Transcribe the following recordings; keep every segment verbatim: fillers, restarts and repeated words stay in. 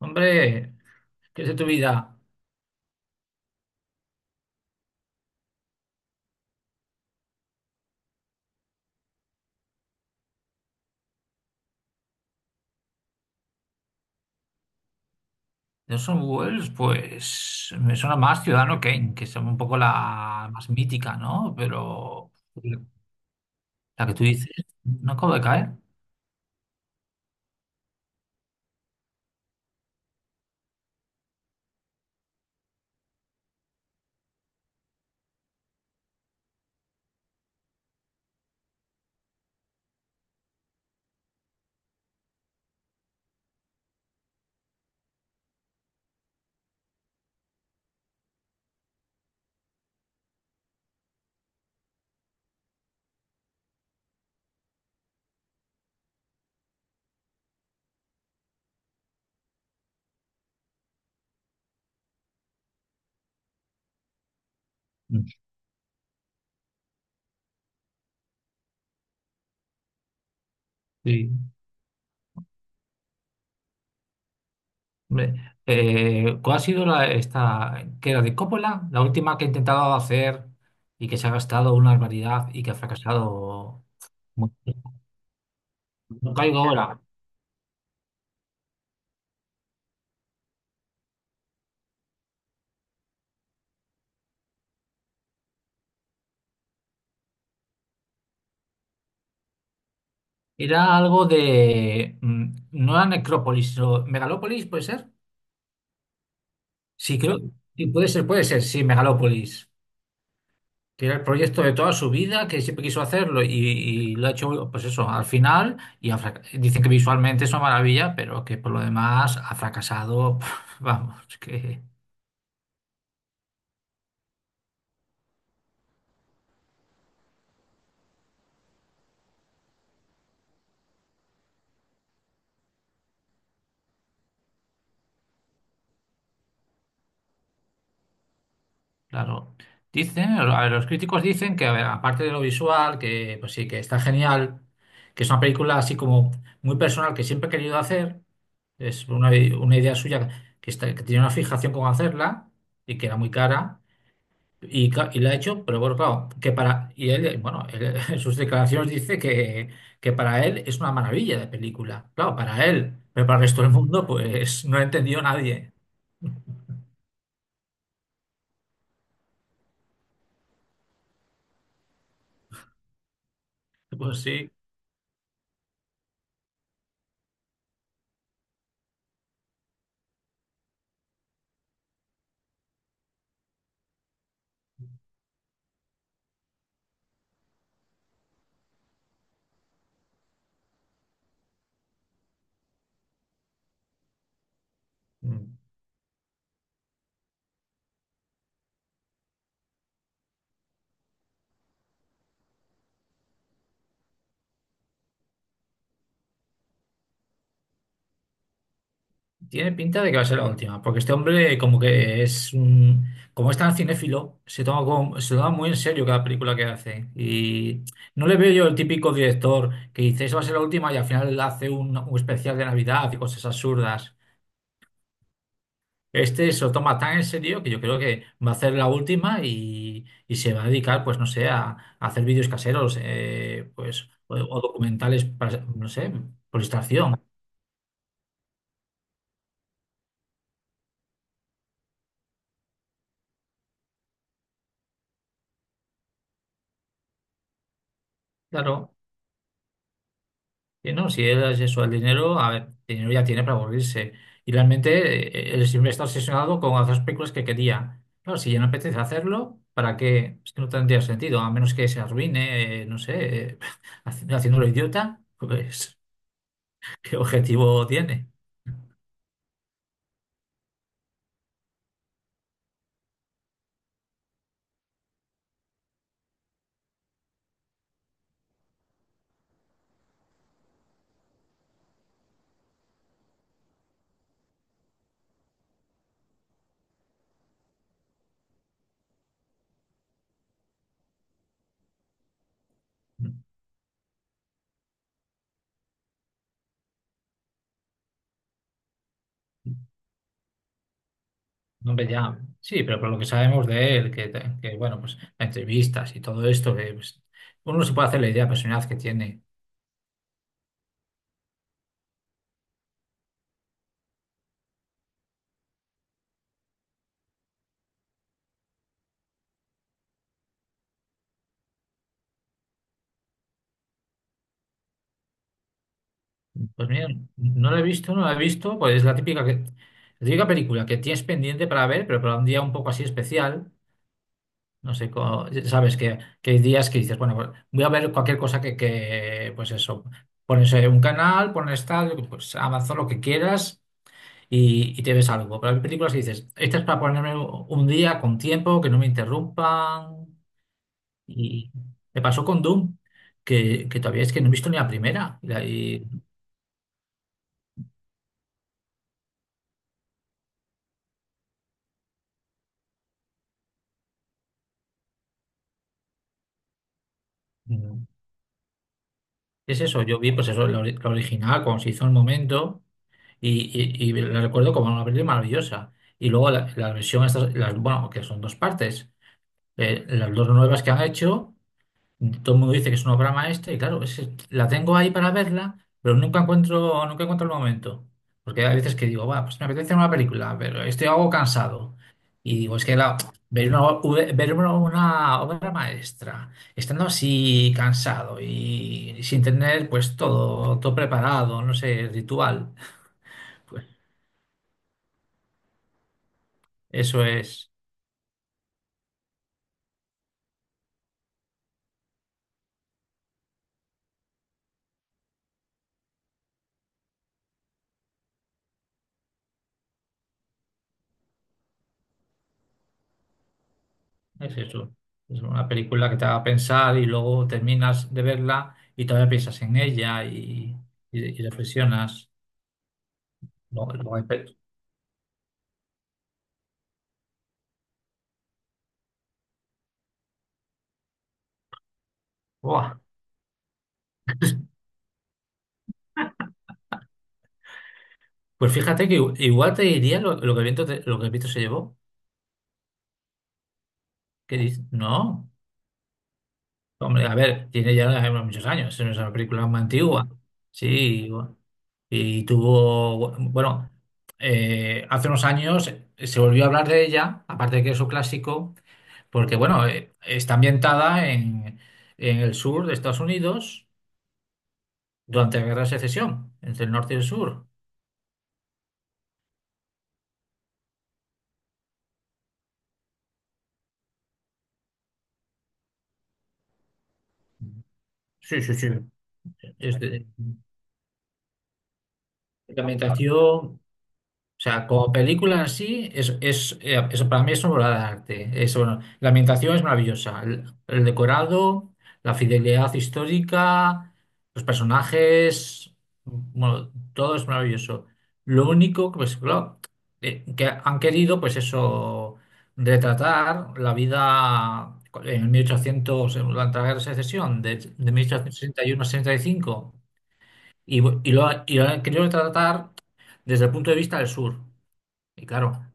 Hombre, ¿qué es de tu vida? Orson Welles, pues me suena más Ciudadano Kane, que es un poco la más mítica, ¿no? Pero la que tú dices, no acabo de caer. Sí. Hombre, eh, ¿cuál ha sido la, esta, que era de Coppola, la última que he intentado hacer y que se ha gastado una barbaridad y que ha fracasado mucho? No caigo ahora. Era algo de, mm, no era Necrópolis, sino Megalópolis, ¿puede ser? Sí, creo, sí, puede ser, puede ser, sí, Megalópolis, que era el proyecto de toda su vida, que siempre quiso hacerlo y, y lo ha hecho, pues eso, al final, y ha fraca- dicen que visualmente es una maravilla, pero que por lo demás ha fracasado, vamos, que, claro, dicen, a ver, los críticos dicen que, a ver, aparte de lo visual, que pues sí, que está genial, que es una película así como muy personal que siempre ha querido hacer, es una, una idea suya que, está, que tenía una fijación con hacerla y que era muy cara. Y, cla- y la ha hecho, pero bueno, claro, que para. Y él, eh, bueno, él, en sus declaraciones dice que, que para él es una maravilla de película. Claro, para él, pero para el resto del mundo, pues no ha entendido nadie. Pues sí. Mm, tiene pinta de que va a ser la última, porque este hombre, como que es un. Como es tan cinéfilo, se toma, como- se toma muy en serio cada película que hace. Y no le veo yo el típico director que dice, esa va a ser la última, y al final hace un, un especial de Navidad y cosas absurdas. Este se lo toma tan en serio que yo creo que va a hacer la última y, y se va a dedicar, pues no sé, a, a hacer vídeos caseros, eh, pues, o, o documentales para, no sé, por distracción. Claro, y no, si él es eso, el dinero, a ver, el dinero ya tiene para aburrirse. Y realmente eh, él siempre está obsesionado con hacer las películas que quería. Claro, si ya no apetece hacerlo, ¿para qué? Es que no tendría sentido, a menos que se arruine, eh, no sé, eh, haciéndolo idiota, pues, ¿qué objetivo tiene? No, hombre, ya, sí, pero por lo que sabemos de él, que, que, bueno, pues entrevistas y todo esto, que pues, uno se puede hacer la idea de la personalidad que tiene. Pues mira, no la he visto, no la he visto, pues es la típica, que, la típica película que tienes pendiente para ver, pero para un día un poco así especial, no sé, co- sabes que, que hay días que dices, bueno, pues, voy a ver cualquier cosa que, que, pues eso, pones eh, un canal, pones tal, pues Amazon lo que quieras. y, y te ves algo. Pero hay películas que dices, esta es para ponerme un día con tiempo, que no me interrumpan. Y me pasó con Doom, que, que todavía es que no he visto ni la primera. Y, la- y, mm, es eso, yo vi pues eso, la, ori- la original, cuando se hizo en el momento, y, y, y la recuerdo como una película maravillosa. Y luego la, la versión, estas, las, bueno, que son dos partes, eh, las dos nuevas que han hecho. Todo el mundo dice que es una obra maestra y claro, es, que la tengo ahí para verla, pero nunca encuentro, nunca encuentro el momento. Porque hay veces que digo, va, pues me apetece una película, pero estoy algo cansado. Y digo, es que la- ver una, ue- ver una, una obra maestra, estando así cansado y sin tener pues todo, todo preparado, no sé, ritual, pues eso es. Es eso. Es una película que te haga pensar y luego terminas de verla y todavía piensas en ella y, y- y reflexionas. No, no hay pe- Buah. Pues fíjate que igu- igual te diría lo, lo que el viento te- lo que el viento se llevó. ¿Qué dices? No. Hombre, a ver, tiene ya muchos años. Es una película más antigua. Sí, y, bu- y tuvo. Bueno, eh, hace unos años se volvió a hablar de ella, aparte de que es un clásico. Porque, bueno, eh, está ambientada en, en el sur de Estados Unidos durante la Guerra de Secesión, entre el norte y el sur. Sí, sí, sí. Es de, de ah, ambientación. O sea, como película en sí, es, es, eh, eso para mí es una obra de arte. Es, bueno, la ambientación es maravillosa. El, el decorado, la fidelidad histórica, los personajes, bueno, todo es maravilloso. Lo único que, pues, claro, eh, que han querido, pues eso, retratar la vida en mil ochocientos, en la guerra de secesión, de, de mil ochocientos sesenta y uno a sesenta y cinco, y, cinco, y, bu- y lo, ha- y lo han querido retratar desde el punto de vista del sur. Y claro,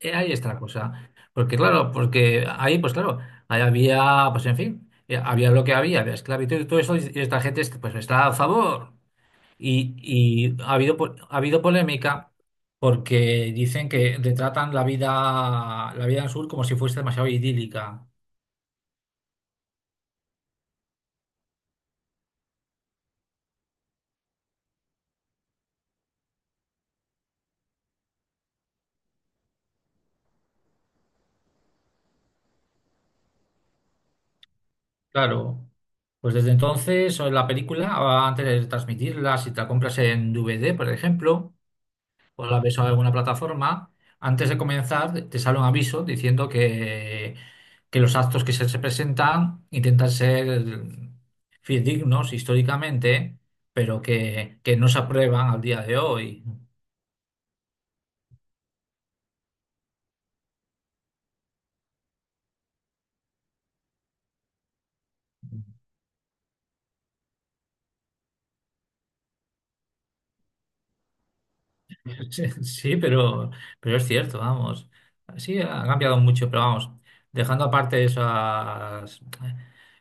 eh, ahí está la cosa. Porque claro, porque ahí, pues claro, ahí había, pues en fin, eh, había lo que había, había esclavitud y todo eso, y esta gente es- pues está a favor. Y, y ha habido, po- ha habido polémica porque dicen que retratan la vida, la vida en sur como si fuese demasiado idílica. Claro, pues desde entonces, o en la película, antes de transmitirla, si te la compras en D V D, por ejemplo, o la ves en alguna plataforma, antes de comenzar te sale un aviso diciendo que, que los actos que se, se presentan intentan ser fidedignos históricamente, pero que, que no se aprueban al día de hoy. Sí, sí, pero, pero es cierto, vamos. Sí, ha cambiado mucho, pero vamos, dejando aparte esas,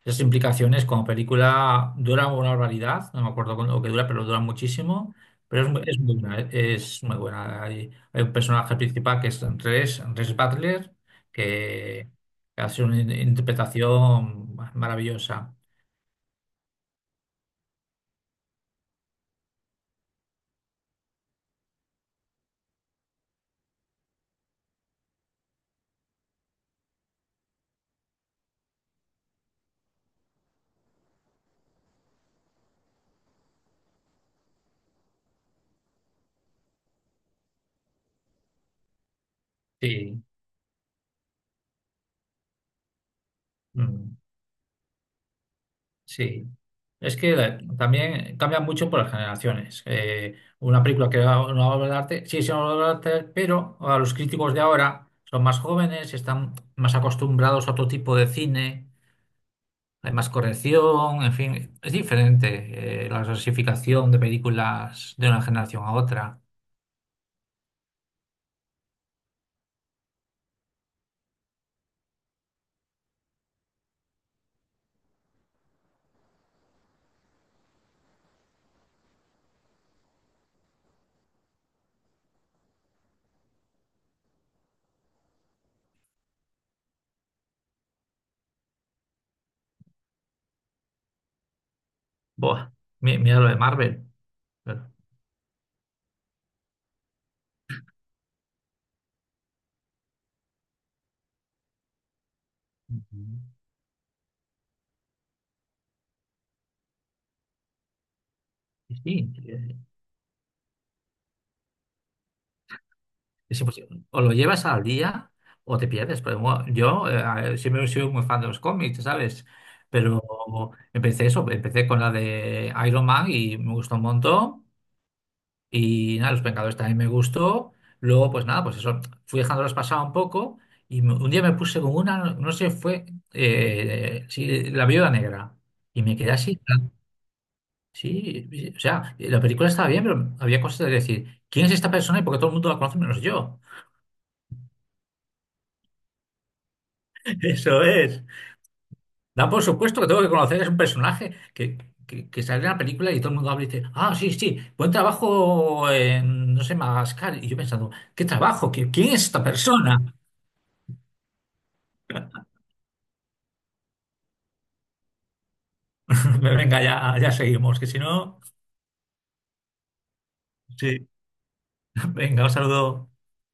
esas implicaciones, como película dura una barbaridad, no me acuerdo con lo que dura, pero dura muchísimo, pero es, muy- es muy buena, eh, es muy buena. Hay, hay un personaje principal que es Res, Res Butler, que hace una in- interpretación maravillosa. Sí. Mm. Sí, es que eh, también cambia mucho por las generaciones. Eh, una película que era una obra de arte, sí, es una obra de arte, pero a los críticos de ahora son más jóvenes, están más acostumbrados a otro tipo de cine, hay más corrección, en fin, es diferente eh, la clasificación de películas de una generación a otra. Buah, mi- mira lo de Marvel. Pero- ujú. Sí, es imposible o lo llevas al día o te pierdes. Pero bueno, yo eh, siempre he sido muy fan de los cómics, ¿sabes? Pero empecé eso, empecé con la de Iron Man y me gustó un montón. Y nada, Los Vengadores también me gustó. Luego, pues nada, pues eso, fui dejándolos pasar un poco. Y me- un día me puse con una, no no sé, fue eh, sí, La Viuda Negra. Y me quedé así. Sí, sí, o sea, la película estaba bien, pero había cosas de decir, ¿quién es esta persona y por qué todo el mundo la conoce menos yo? Eso es. Da por supuesto que tengo que conocer, es un personaje que, que, que sale en la película y todo el mundo habla y dice, ah, sí, sí, buen trabajo en, no sé, Madagascar. Y yo pensando, ¿qué trabajo? ¿Qui- ¿Quién es esta persona? Venga, ya, ya seguimos, que si no, sí. Venga, un saludo.